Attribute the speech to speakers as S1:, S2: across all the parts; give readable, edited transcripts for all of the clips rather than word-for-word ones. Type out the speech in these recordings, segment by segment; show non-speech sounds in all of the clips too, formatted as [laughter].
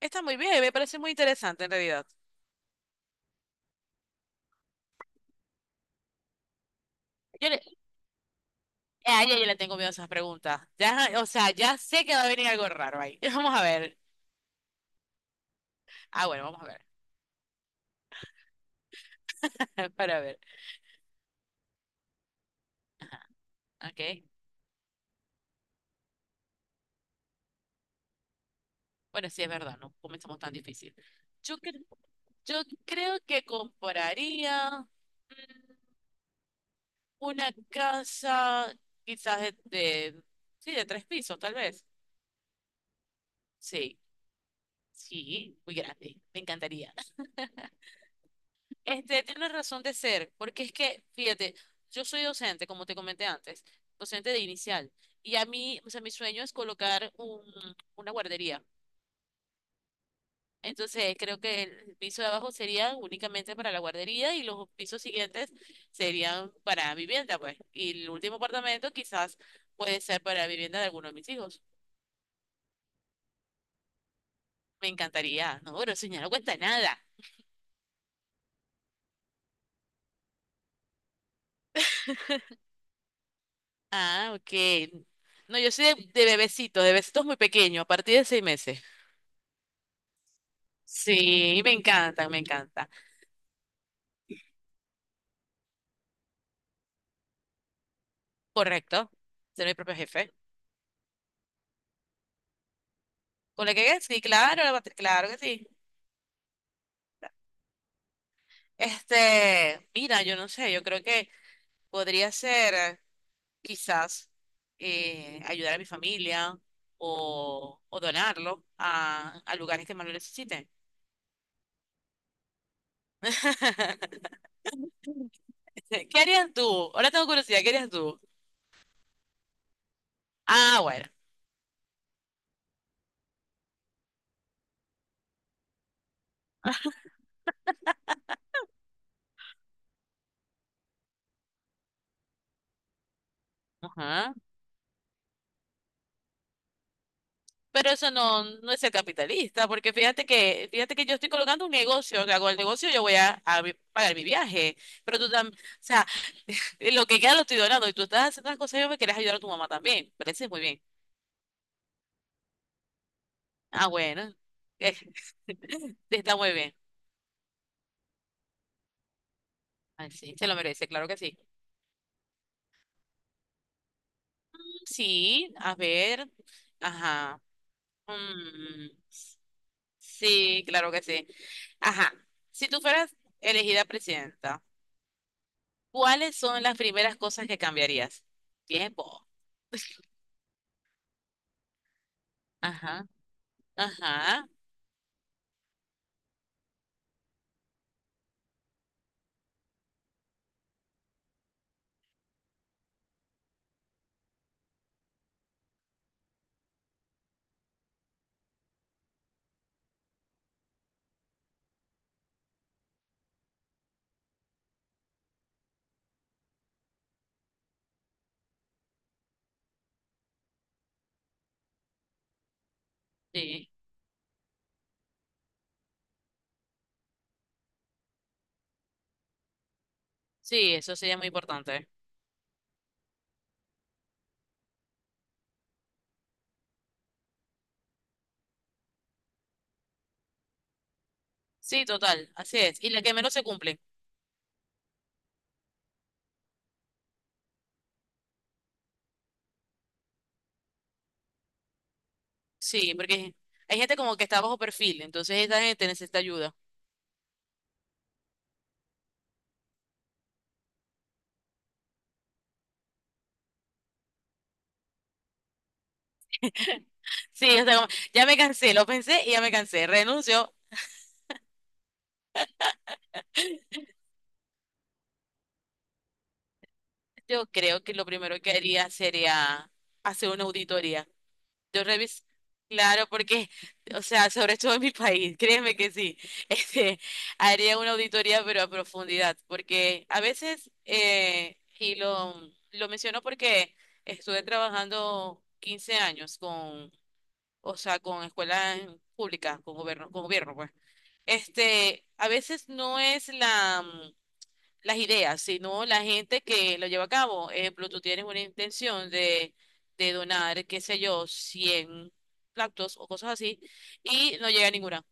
S1: Está muy bien, me parece muy interesante en realidad. Yo le, a ella yo le tengo miedo a esas preguntas. Ya, o sea, ya sé que va a venir algo raro ahí. [laughs] Vamos a ver. Ah, bueno, vamos a ver. [laughs] Para ver. Ok. Bueno, sí, es verdad, no comenzamos tan difícil. Yo, cre- yo creo que compraría mm, una casa quizás sí, de tres pisos, tal vez. Sí, sí, muy grande. Me encantaría. Este tiene razón de ser, porque es que, fíjate, yo soy docente, como te comenté antes, docente de inicial, y a mí, o sea, mi sueño es colocar una guardería. Entonces, creo que el piso de abajo sería únicamente para la guardería y los pisos siguientes serían para vivienda, pues. Y el último apartamento quizás puede ser para vivienda de alguno de mis hijos. Me encantaría. No, pero señora, no cuenta nada. Ah, ok. No, yo soy de bebecitos muy pequeño, a partir de 6 meses. Sí, me encanta, me encanta. Correcto, ser mi propio jefe. ¿Con la que sí, claro, claro que sí? Este, mira, yo no sé, yo creo que podría ser quizás ayudar a mi familia o donarlo a lugares que más lo necesiten. [laughs] ¿Qué harías tú? Ahora tengo curiosidad, ¿qué harías tú? Ah, bueno. Ajá. Pero eso no, no es ser capitalista, porque fíjate que yo estoy colocando un negocio, que hago el negocio, yo voy a pagar mi viaje, pero tú también, o sea, lo que queda lo estoy donando y tú estás haciendo las cosas, y yo me quieres ayudar a tu mamá también, parece muy bien. Ah, bueno, eh, [laughs] está muy bien. Ay, sí, se lo merece, claro que sí. Mm, sí, a ver, ajá. Mm, sí, claro que sí. Ajá, si tú fueras elegida presidenta. ¿Cuáles son las primeras cosas que cambiarías? Tiempo. Ajá, ajá. Sí, sí, eso sería muy importante. Sí, total, así es. Y la que menos se cumple. Sí, porque hay gente como que está bajo perfil, entonces esa gente necesita ayuda. Sí, o sea, como, ya me cansé, lo pensé y ya me cansé, renuncio. Yo creo que lo primero que haría sería hacer una auditoría. Yo revisé, claro, porque, o sea, sobre todo en mi país, créeme que sí, [laughs] este, haría una auditoría, pero a profundidad, porque a veces, y lo menciono porque estuve trabajando 15 años con, o sea, con escuelas públicas, con gobierno, pues. Este, a veces no es la las ideas, sino la gente que lo lleva a cabo. Ejemplo, tú tienes una intención de donar, qué sé yo, 100 platos o cosas así, y no llega a ninguna.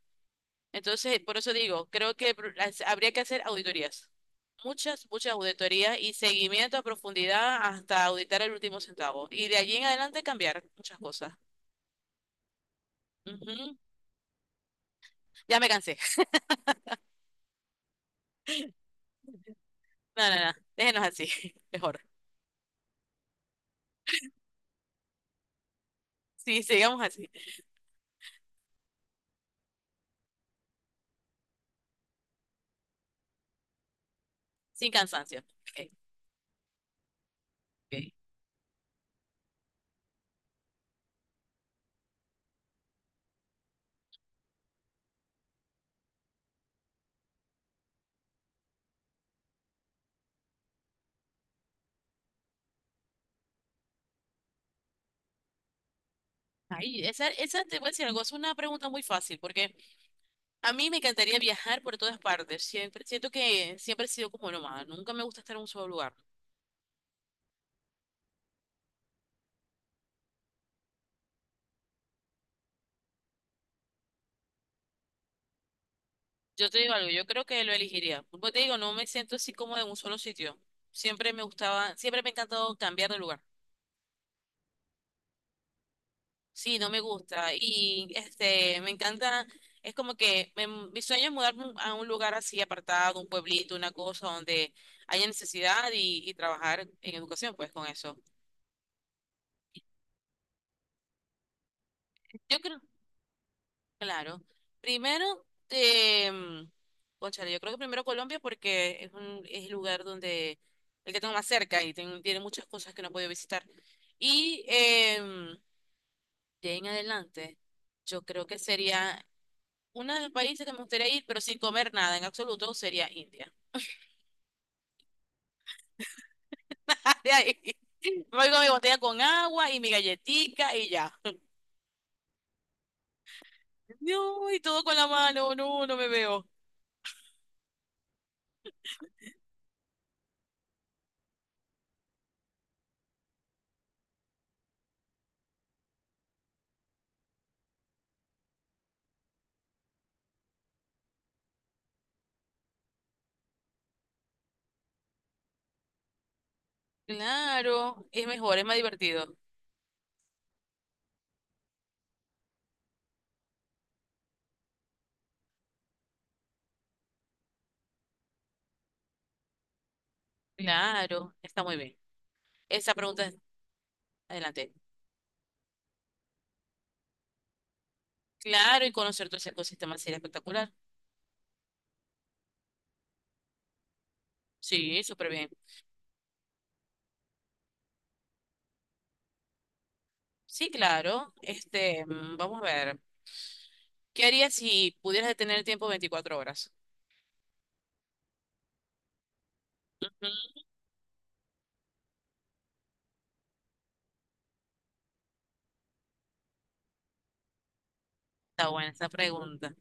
S1: Entonces, por eso digo, creo que habría que hacer auditorías. Muchas, muchas auditorías y seguimiento a profundidad hasta auditar el último centavo. Y de allí en adelante cambiar muchas cosas. Ujú. Ya me cansé. [laughs] No, no, no. Déjenos así. [laughs] Mejor. Sí, sigamos así. Sin cansancio. Ok, ok. Ay, esa te voy a decir algo, es una pregunta muy fácil, porque a mí me encantaría viajar por todas partes. Siempre, siento que siempre he sido como nómada, nunca me gusta estar en un solo lugar. Yo te digo algo, yo creo que lo elegiría. Como te digo, no me siento así como en un solo sitio. Siempre me gustaba, siempre me ha encantado cambiar de lugar. Sí, no me gusta. Y este, me encanta, es como que mi sueño es mudarme a un lugar así apartado, un pueblito, una cosa donde haya necesidad y trabajar en educación, pues con eso. Yo creo. Claro. Primero, eh, cónchale, yo creo que primero Colombia porque es el lugar donde, el que tengo más cerca y tiene muchas cosas que no he podido visitar. Y em, de ahí en adelante, yo creo que sería uno de los países que me gustaría ir, pero sin comer nada en absoluto, sería India. [laughs] De ahí, me voy con mi botella con agua y mi galletica y ya. No, y todo con la mano, no, no me veo. Claro, es mejor, es más divertido. Claro, está muy bien. Esa pregunta es adelante. Claro, y conocer todo ese ecosistema sería espectacular. Sí, súper bien. Sí, claro. Este, vamos a ver. ¿Qué harías si pudieras detener el tiempo 24 horas? Ujú. Está buena esa pregunta.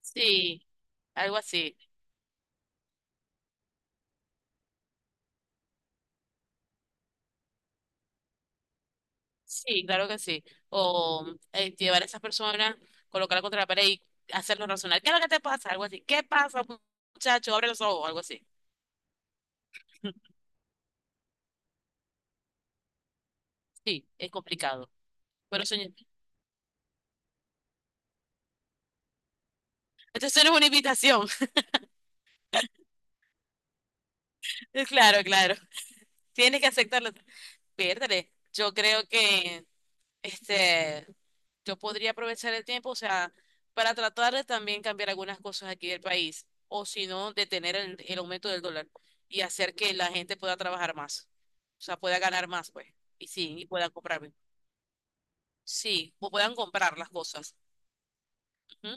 S1: Sí, algo así. Sí, claro que sí. O llevar a esas personas, colocarla contra la pared y hacerlos razonar. ¿Qué es lo que te pasa? Algo así. ¿Qué pasa, muchacho? Abre los ojos, algo así. [laughs] Sí, es complicado. Pero eso no es una invitación. [laughs] Claro, claro. Tienes que aceptarlo. Piérdale. Yo creo que este, yo podría aprovechar el tiempo, o sea, para tratar de también cambiar algunas cosas aquí del país, o si no, detener el aumento del dólar y hacer que la gente pueda trabajar más, o sea, pueda ganar más, pues, y sí, y puedan comprar, bien. Sí, o puedan comprar las cosas. Ujú.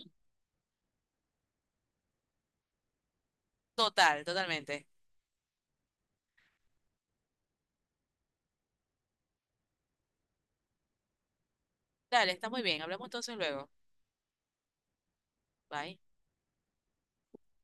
S1: Total, totalmente. Dale, está muy bien. Hablamos entonces luego. Bye.